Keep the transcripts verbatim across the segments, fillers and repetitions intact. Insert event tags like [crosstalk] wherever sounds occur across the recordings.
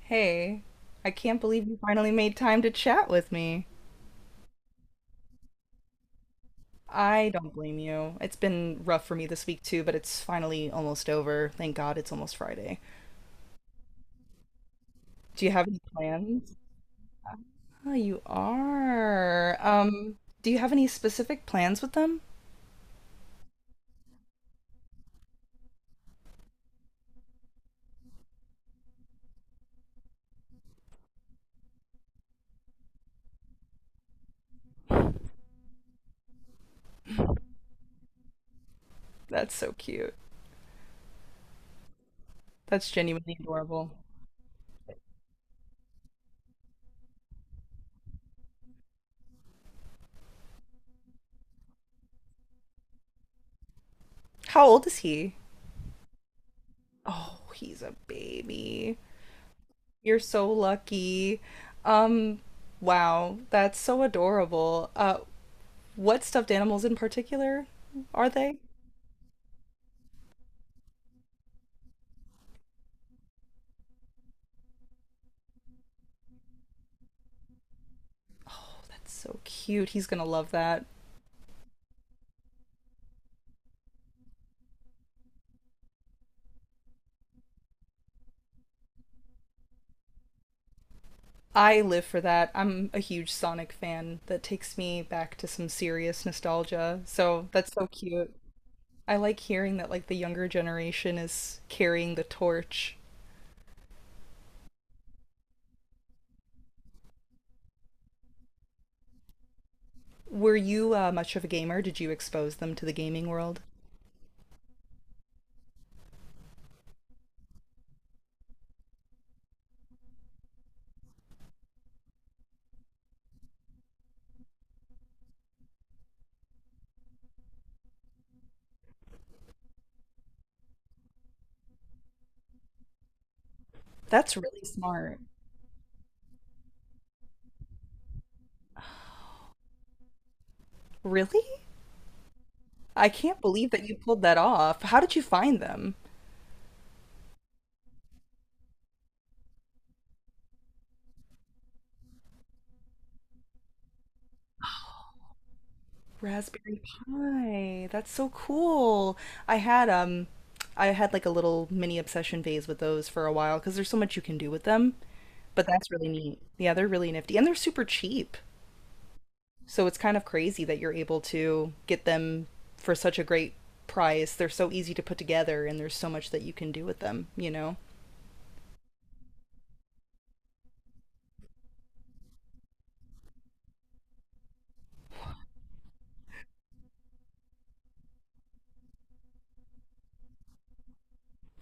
Hey, I can't believe you finally made time to chat with me. I don't blame you. It's been rough for me this week too, but it's finally almost over. Thank God it's almost Friday. Do you have any plans? Oh, you are. Um, do you have any specific plans with them? That's so cute. That's genuinely adorable. How old is he? Oh, he's a baby. You're so lucky. Um, wow, that's so adorable. Uh, What stuffed animals in particular are they? That's so cute. He's gonna love that. I live for that. I'm a huge Sonic fan. That takes me back to some serious nostalgia. So that's so cute. I like hearing that like the younger generation is carrying the torch. Were you uh, much of a gamer? Did you expose them to the gaming world? That's really smart. Really? I can't believe that you pulled that off. How did you find them? Raspberry Pi. That's so cool. I had um I had like a little mini obsession phase with those for a while because there's so much you can do with them. But that's really neat. Yeah, they're really nifty and they're super cheap. So it's kind of crazy that you're able to get them for such a great price. They're so easy to put together and there's so much that you can do with them, you know?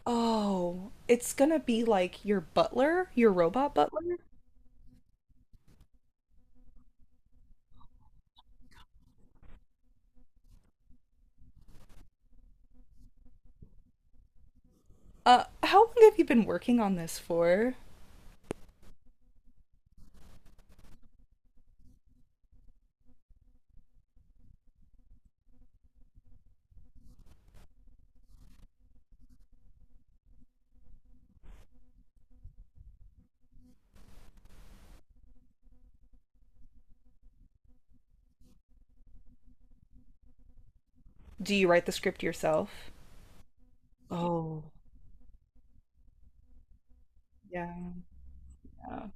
Oh, it's gonna be like your butler, your robot butler. Uh, how long have you been working on this for? Do you write the script yourself? Oh. Yeah. Yeah.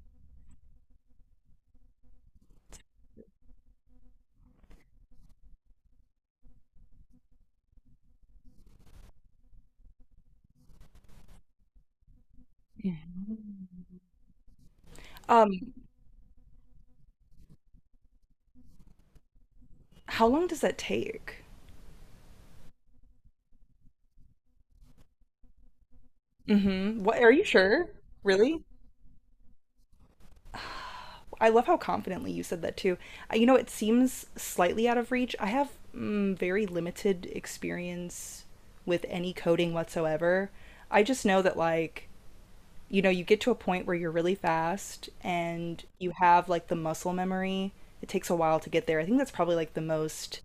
Yeah. Um, how long does that take? Mm-hmm. What are you sure? Really? I love how confidently you said that too. Uh, You know, it seems slightly out of reach. I have mm, very limited experience with any coding whatsoever. I just know that like, you know, you get to a point where you're really fast and you have like the muscle memory. It takes a while to get there. I think that's probably like the most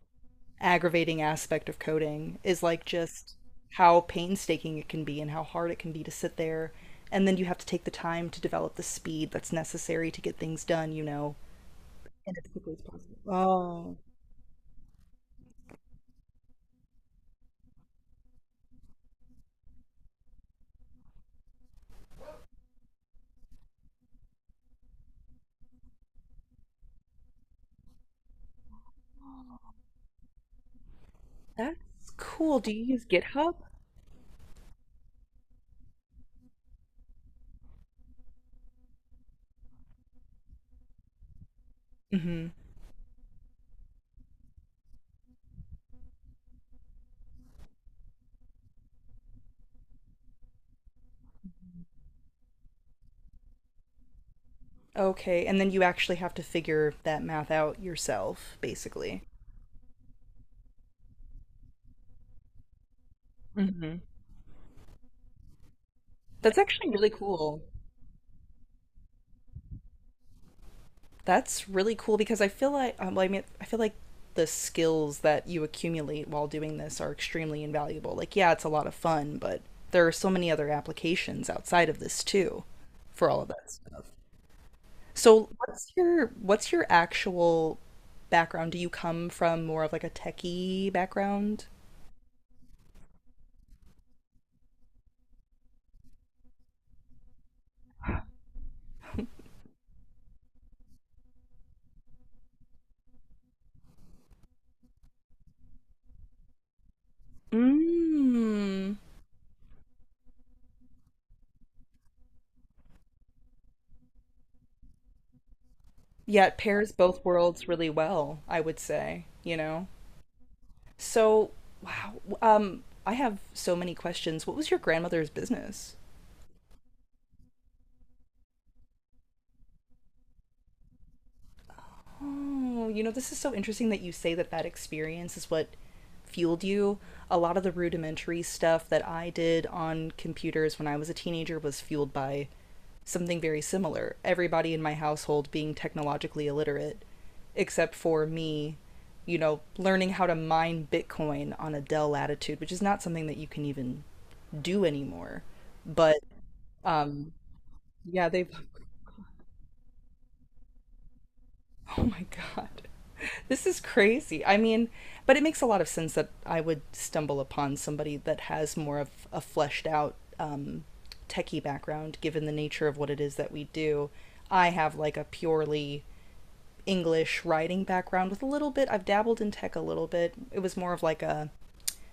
aggravating aspect of coding is like just how painstaking it can be and how hard it can be to sit there and then you have to take the time to develop the speed that's necessary to get things done, you know, and as quickly as possible. Oh, that's cool. Do you use GitHub? Mm-hmm. Okay, and then you actually have to figure that math out yourself, basically. That's actually really cool. That's really cool because I feel like um, well, I mean I feel like the skills that you accumulate while doing this are extremely invaluable. Like yeah, it's a lot of fun, but there are so many other applications outside of this too for all of that stuff. So what's your what's your actual background? Do you come from more of like a techie background? Mm. Yeah, it pairs both worlds really well, I would say, you know? So, wow. Um, I have so many questions. What was your grandmother's business? Oh, you know, this is so interesting that you say that that experience is what fueled you. A lot of the rudimentary stuff that I did on computers when I was a teenager was fueled by something very similar. Everybody in my household being technologically illiterate, except for me, you know, learning how to mine Bitcoin on a Dell Latitude, which is not something that you can even do anymore. But um, yeah, they [laughs] oh my God. [laughs] This is crazy. I mean, but it makes a lot of sense that I would stumble upon somebody that has more of a fleshed out um, techie background, given the nature of what it is that we do. I have like a purely English writing background with a little bit, I've dabbled in tech a little bit. It was more of like a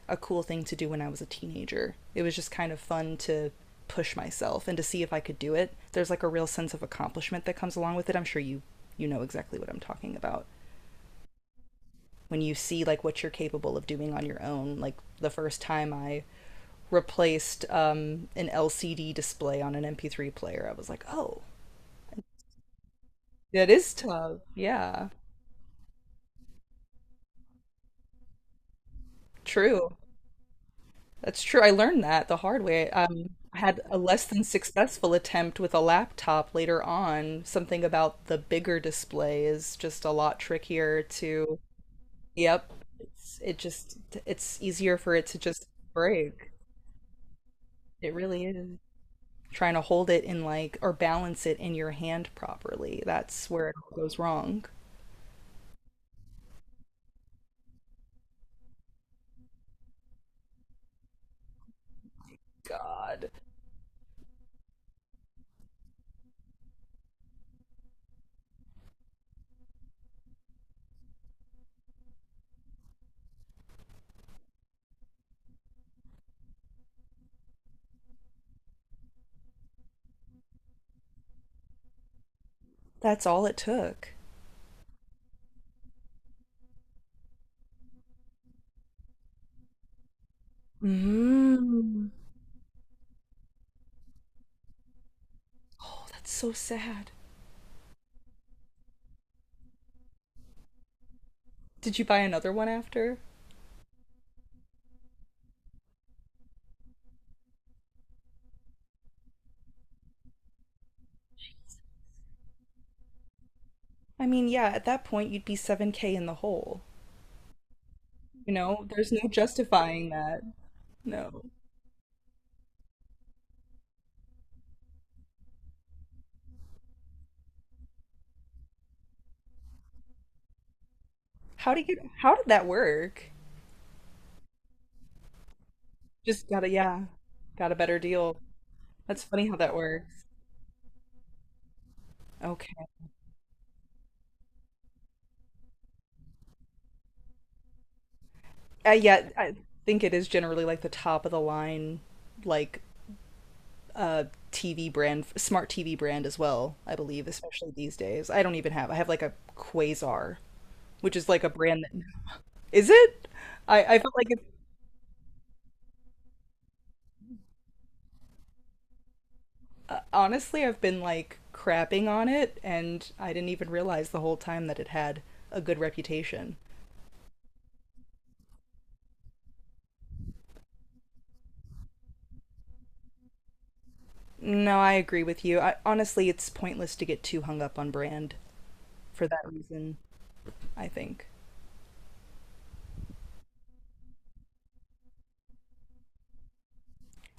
a cool thing to do when I was a teenager. It was just kind of fun to push myself and to see if I could do it. There's like a real sense of accomplishment that comes along with it. I'm sure you you know exactly what I'm talking about. When you see like what you're capable of doing on your own, like the first time I replaced um, an L C D display on an M P three player, I was like, "Oh, that is tough." Yeah, true. That's true. I learned that the hard way. Um, I had a less than successful attempt with a laptop later on. Something about the bigger display is just a lot trickier to. Yep. It's, it just, it's easier for it to just break. It really is. Trying to hold it in like, or balance it in your hand properly. That's where it all goes wrong. God. That's all it took. Mm. Oh, that's so sad. Did you buy another one after? I mean, yeah, at that point you'd be seven k in the hole. You know, there's no justifying that. No. How did you how did that work? Just got a yeah, got a better deal. That's funny how that works. Okay. Uh, yeah, I think it is generally like the top of the line like uh T V brand smart T V brand as well, I believe, especially these days. I don't even have. I have like a Quasar, which is like a brand that is it? I I felt like it honestly, I've been like crapping on it, and I didn't even realize the whole time that it had a good reputation. No, I agree with you. I, honestly, it's pointless to get too hung up on brand for that reason, I think.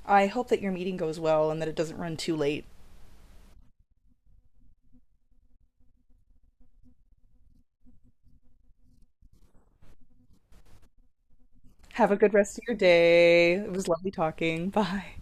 I hope that your meeting goes well and that it doesn't run too late. Have a good rest of your day. It was lovely talking. [laughs] Bye.